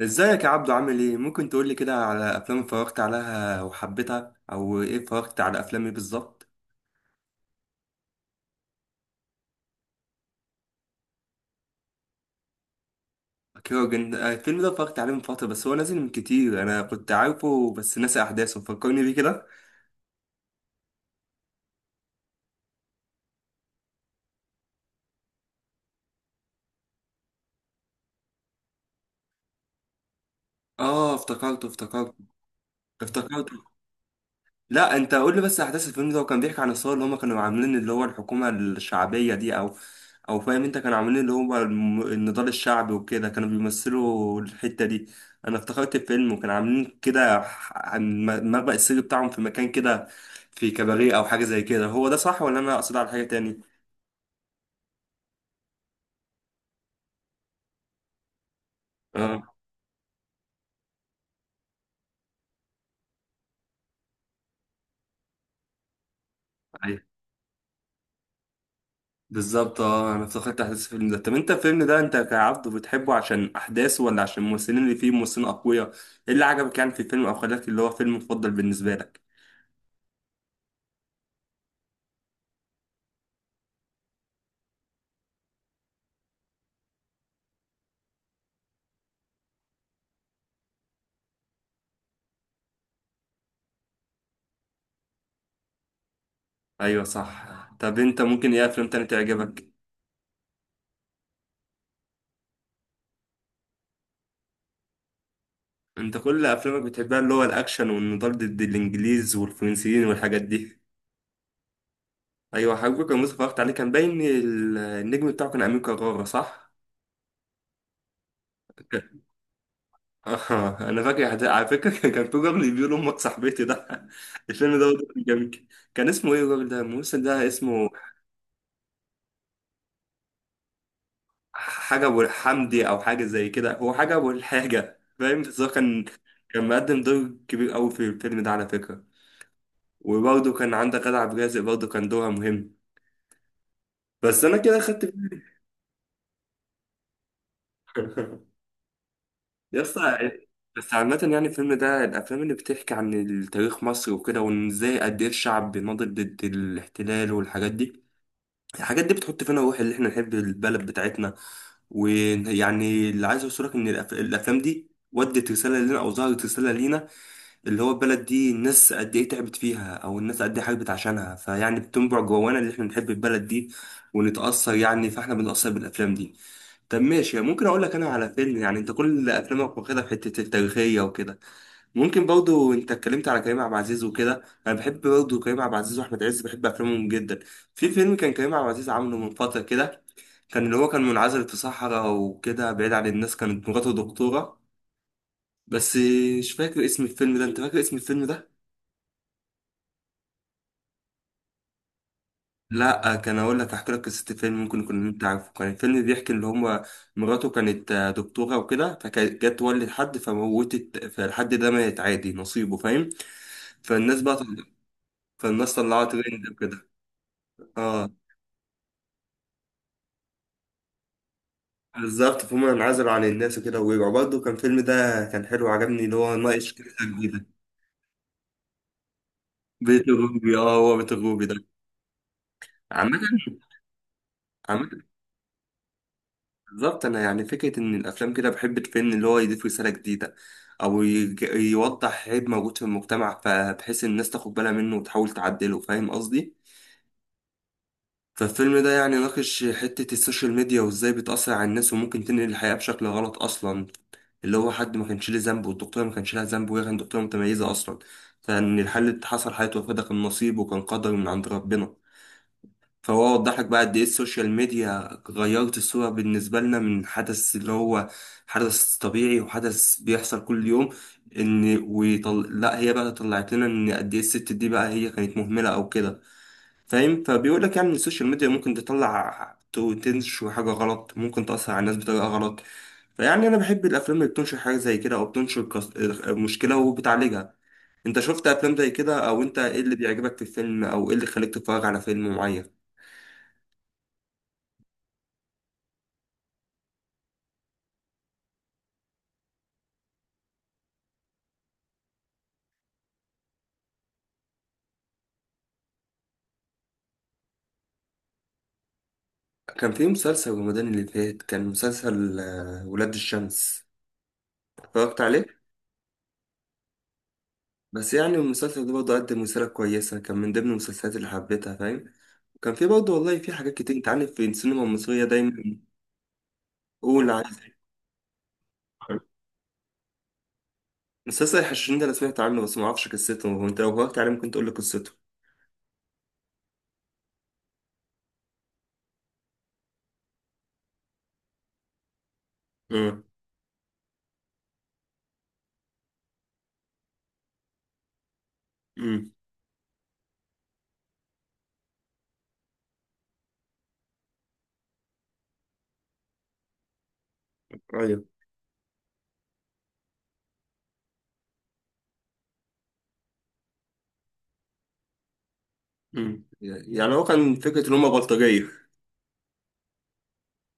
ازيك يا عبدو؟ عامل ايه؟ ممكن تقولي كده على افلام اتفرجت عليها وحبيتها، او ايه اتفرجت على افلام ايه بالظبط؟ كيروجن. الفيلم ده اتفرجت عليه من فتره، بس هو نازل من كتير. انا كنت عارفه بس ناسي احداثه، فكرني بيه كده. اه افتكرته. افتكرته. لا انت قول لي بس احداث الفيلم ده، وكان بيحكي عن الثوره اللي هم كانوا عاملين، اللي هو الحكومه الشعبيه دي او فاهم انت، كانوا عاملين اللي هو النضال الشعبي وكده، كانوا بيمثلوا الحته دي. انا افتكرت الفيلم، وكانوا عاملين كده عن مخبأ السر بتاعهم في مكان كده، في كباريه او حاجه زي كده. هو ده صح ولا انا اقصد على حاجه تاني؟ اه بالظبط، اه انا افتكرت احداث الفيلم ده. طب انت الفيلم ده، انت كعبد بتحبه عشان احداثه ولا عشان الممثلين اللي فيه ممثلين اقوياء؟ ايه اللي عجبك يعني في الفيلم او خلاك اللي هو فيلم مفضل بالنسبه لك؟ ايوه صح. طب انت ممكن ايه افلام تاني تعجبك؟ انت كل افلامك بتحبها اللي هو الاكشن والنضال ضد الانجليز والفرنسيين والحاجات دي. ايوه حبيبي، كان مصطفى اتفرجت عليه. كان باين النجم بتاعه كان امين كرارة، صح. انا فاكر على فكره كان في راجل بيقول امك صاحبتي ده الفيلم ده برضه كان جميل. كان اسمه ايه الراجل ده؟ الممثل ده اسمه؟ حاجه ابو الحمدي او حاجه زي كده. هو حاجه ابو الحاجه، فاهم. بس هو كان مقدم دور كبير قوي في الفيلم ده على فكره. وبرضه كان عندك غادة عبد الرازق، برضه كان دورها مهم. بس انا كده خدت يا اسطى. بس عامة يعني الفيلم ده، الأفلام اللي بتحكي عن التاريخ مصر وكده، وإن إزاي قد إيه الشعب بيناضل ضد الاحتلال والحاجات دي. الحاجات دي بتحط فينا روح اللي احنا نحب البلد بتاعتنا. ويعني اللي عايز اوصلك ان الافلام دي ودت رساله لنا او ظهرت رساله لينا. اللي هو البلد دي الناس قد ايه تعبت فيها او الناس قد ايه حاربت عشانها، فيعني بتنبع جوانا اللي احنا نحب البلد دي ونتاثر. يعني فاحنا بنتاثر بالافلام دي. طب ماشي، ممكن اقول لك انا على فيلم؟ يعني انت كل افلامك واخدها في حته التاريخيه وكده. ممكن برضو، انت اتكلمت على كريم عبد العزيز وكده، انا بحب برضو كريم عبد العزيز واحمد عز، بحب افلامهم جدا. في فيلم كان كريم عبد العزيز عامله من فتره كده، كان اللي هو كان منعزل في صحراء وكده بعيد عن الناس، كانت مراته دكتوره بس. مش فاكر اسم الفيلم ده، انت فاكر اسم الفيلم ده؟ لا كان اقول لك، احكي لك قصه الفيلم، ممكن يكون انت عارفه. كان الفيلم بيحكي اللي هم، مراته كانت دكتوره وكده، فكانت جت تولد حد فموتت، فالحد ده مات عادي نصيبه، فاهم. فالناس بقى طل... فالناس طلعت ترند وكده. اه بالظبط، فهم انعزلوا عن الناس وكده ورجعوا برضه. كان الفيلم ده كان حلو، عجبني اللي هو ناقش قصة جديدة. بيت الروبي، اه هو بيت الروبي ده. عامة عامة. بالظبط، أنا يعني فكرة إن الأفلام كده، بحب الفيلم اللي هو يضيف رسالة جديدة أو يوضح عيب موجود في المجتمع، فبحيث الناس تاخد بالها منه وتحاول تعدله. فاهم قصدي؟ فالفيلم ده يعني ناقش حتة السوشيال ميديا وازاي بتأثر على الناس، وممكن تنقل الحياة بشكل غلط أصلا. اللي هو حد ما كانش ليه ذنب، والدكتورة ما كانش لها ذنب، وهي كانت دكتورة متميزة أصلا. فإن الحل اللي حصل حياة وفاة ده كان نصيب وكان قدر من عند ربنا. فهو وضح لك بقى قد إيه السوشيال ميديا غيرت الصورة بالنسبة لنا، من حدث اللي هو حدث طبيعي وحدث بيحصل كل يوم. إن لا هي بقى طلعت لنا إن قد إيه الست دي بقى هي كانت مهملة أو كده، فاهم. فبيقول لك يعني ان السوشيال ميديا ممكن تطلع تنشر حاجه غلط، ممكن تاثر على الناس بطريقه غلط. فيعني انا بحب الافلام اللي بتنشر حاجه زي كده او بتنشر مشكله وبتعالجها. انت شفت افلام زي كده؟ او انت ايه اللي بيعجبك في الفيلم؟ او ايه اللي خليك تتفرج على فيلم معين؟ كان في مسلسل رمضان اللي فات، كان مسلسل ولاد الشمس، اتفرجت عليه. بس يعني المسلسل ده برضه قدم رسالة كويسة، كان من ضمن المسلسلات اللي حبيتها، فاهم. وكان في برضه والله في حاجات كتير، انت عارف في السينما المصرية دايما. قول. مسلسل الحشاشين ده انا سمعت عنه بس ما اعرفش قصته، وانت لو وقفت عليه ممكن تقول لي قصته. امم. امم. ايوه. امم. يعني هو كان فكره ان هم بلطجيه.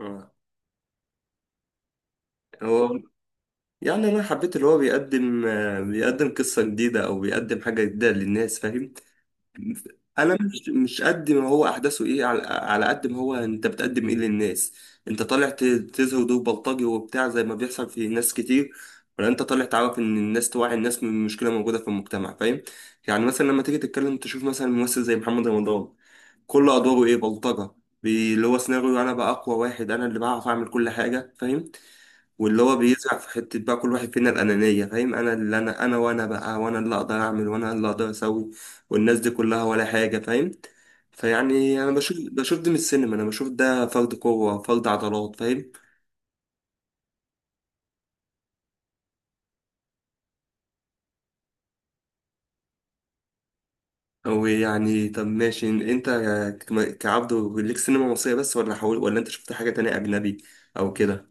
آه. هو. يعني انا حبيت اللي هو بيقدم قصه جديده او بيقدم حاجه جديده للناس، فاهم. انا مش قد ما هو احداثه ايه، على قد ما هو انت بتقدم ايه للناس. انت طالع تزهد دور بلطجي وبتاع زي ما بيحصل في ناس كتير، ولا انت طالع تعرف ان الناس توعي الناس من مشكله موجوده في المجتمع، فاهم. يعني مثلا لما تيجي تتكلم، تشوف مثلا ممثل زي محمد رمضان، كل ادواره ايه؟ بلطجه. اللي هو سيناريو، انا بقى اقوى واحد، انا اللي بعرف اعمل كل حاجه، فاهم. واللي هو بيزرع في حتة بقى كل واحد فينا الأنانية، فاهم. أنا اللي أنا أنا بقى، وأنا اللي أقدر أعمل، وأنا اللي أقدر أسوي. والناس دي كلها ولا حاجة، فاهم. فيعني أنا بشوف ده من السينما، أنا بشوف ده فرد قوة فرد عضلات، فاهم. أو يعني طب ماشي، أنت كعبد ليك سينما مصرية بس، ولا حاول، ولا أنت شفت حاجة تانية أجنبي أو كده؟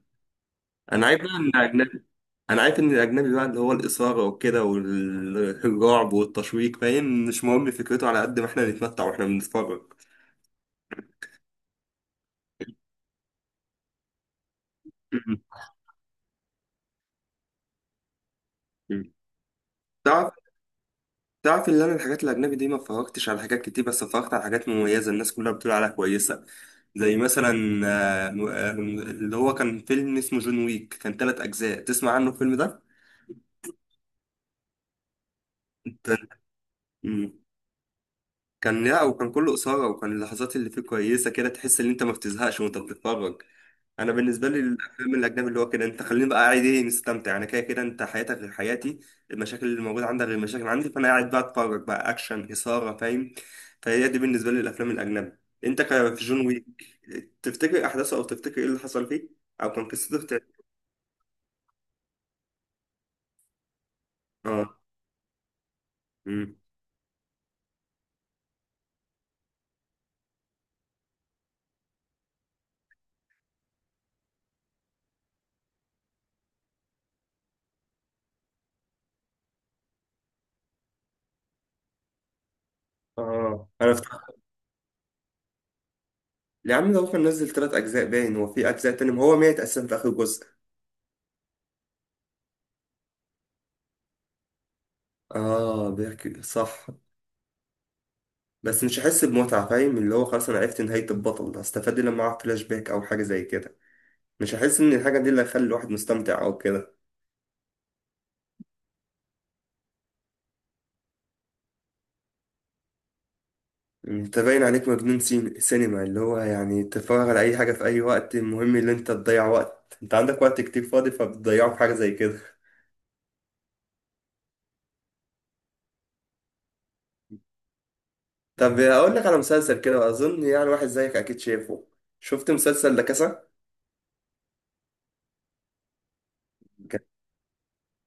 أنا عارف بقى إن الأجنبي، أنا عارف إن الأجنبي بقى اللي هو الإثارة وكده والرعب والتشويق، فاهم. مش مهم فكرته على قد ما إحنا نتمتع وإحنا بنتفرج. مم. مم. تعرف تعرف ان انا الحاجات الاجنبي دي ما اتفرجتش على حاجات كتير، بس اتفرجت على حاجات مميزه الناس كلها بتقول عليها كويسه. زي مثلا آه، م- آه، اللي هو كان فيلم اسمه جون ويك، كان ثلاث اجزاء. تسمع عنه الفيلم ده؟ كان. مم. كان لا، وكان كله اثاره، وكان اللحظات اللي فيه كويسه كده، تحس ان انت ما بتزهقش وانت بتتفرج. انا بالنسبه لي الافلام الاجنبي اللي هو كده، انت خليني بقى قاعد ايه مستمتع. انا كده كده انت حياتك غير حياتي، المشاكل اللي موجوده عندك غير المشاكل عندي، فانا قاعد بقى اتفرج بقى اكشن اثاره، فاهم. فهي دي بالنسبه لي الافلام الاجنبي. انت في جون ويك، تفتكر احداثه؟ او تفتكر ايه اللي حصل فيه؟ او كان قصته اه. امم. اه انا افتكر. يا عم ده هو كان نزل 3 اجزاء، باين هو في اجزاء تاني. ما هو مات اصلا في اخر جزء. اه بيحكي صح. بس مش هحس بمتعة، فاهم. اللي هو خلاص أنا عرفت نهاية البطل، هستفاد إيه لما أعرف فلاش باك أو حاجة زي كده؟ مش هحس إن الحاجة دي اللي هتخلي الواحد مستمتع أو كده. أنت باين عليك مجنون سينما، اللي هو يعني تتفرج على أي حاجة في أي وقت، المهم إن أنت تضيع وقت. أنت عندك وقت كتير فاضي، فبتضيعه في حاجة زي كده. طب أقول لك على مسلسل كده، أظن يعني واحد زيك أكيد شايفه. شفت مسلسل لا كاسا؟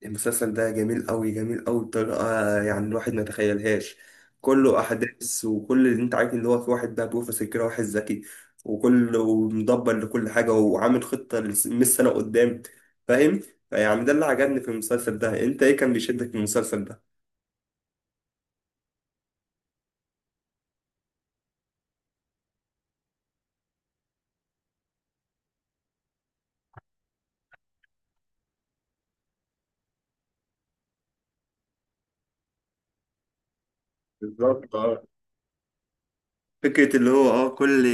المسلسل ده جميل قوي، جميل قوي بطريقة يعني الواحد ما يتخيلهاش. كله أحداث، وكل اللي أنت عارف إن هو في واحد بقى بروفيسور كده، واحد ذكي وكله مدبر لكل حاجة، وعامل خطة 100 سنة قدام، فاهم؟ فيعني ده اللي عجبني في المسلسل ده. أنت إيه كان بيشدك في المسلسل ده؟ بالظبط. فكرة اللي هو اه كل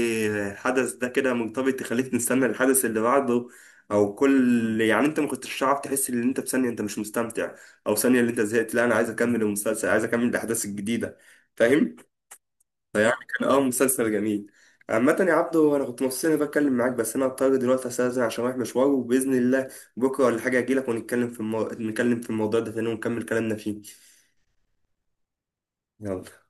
حدث ده كده مرتبط، تخليك نستنى الحدث اللي بعده. او كل يعني انت ما كنتش تعرف تحس ان انت في ثانية انت مش مستمتع، او ثانية اللي انت زهقت. لا انا عايز اكمل المسلسل، عايز اكمل الاحداث الجديدة، فاهم؟ فيعني كان اه مسلسل جميل. عامة يا عبدو انا كنت مبسوط اني بتكلم معاك، بس انا هضطر دلوقتي استاذن عشان رايح مشوار، وباذن الله بكرة ولا حاجة اجيلك ونتكلم في نتكلم في الموضوع ده تاني ونكمل كلامنا فيه. يلا.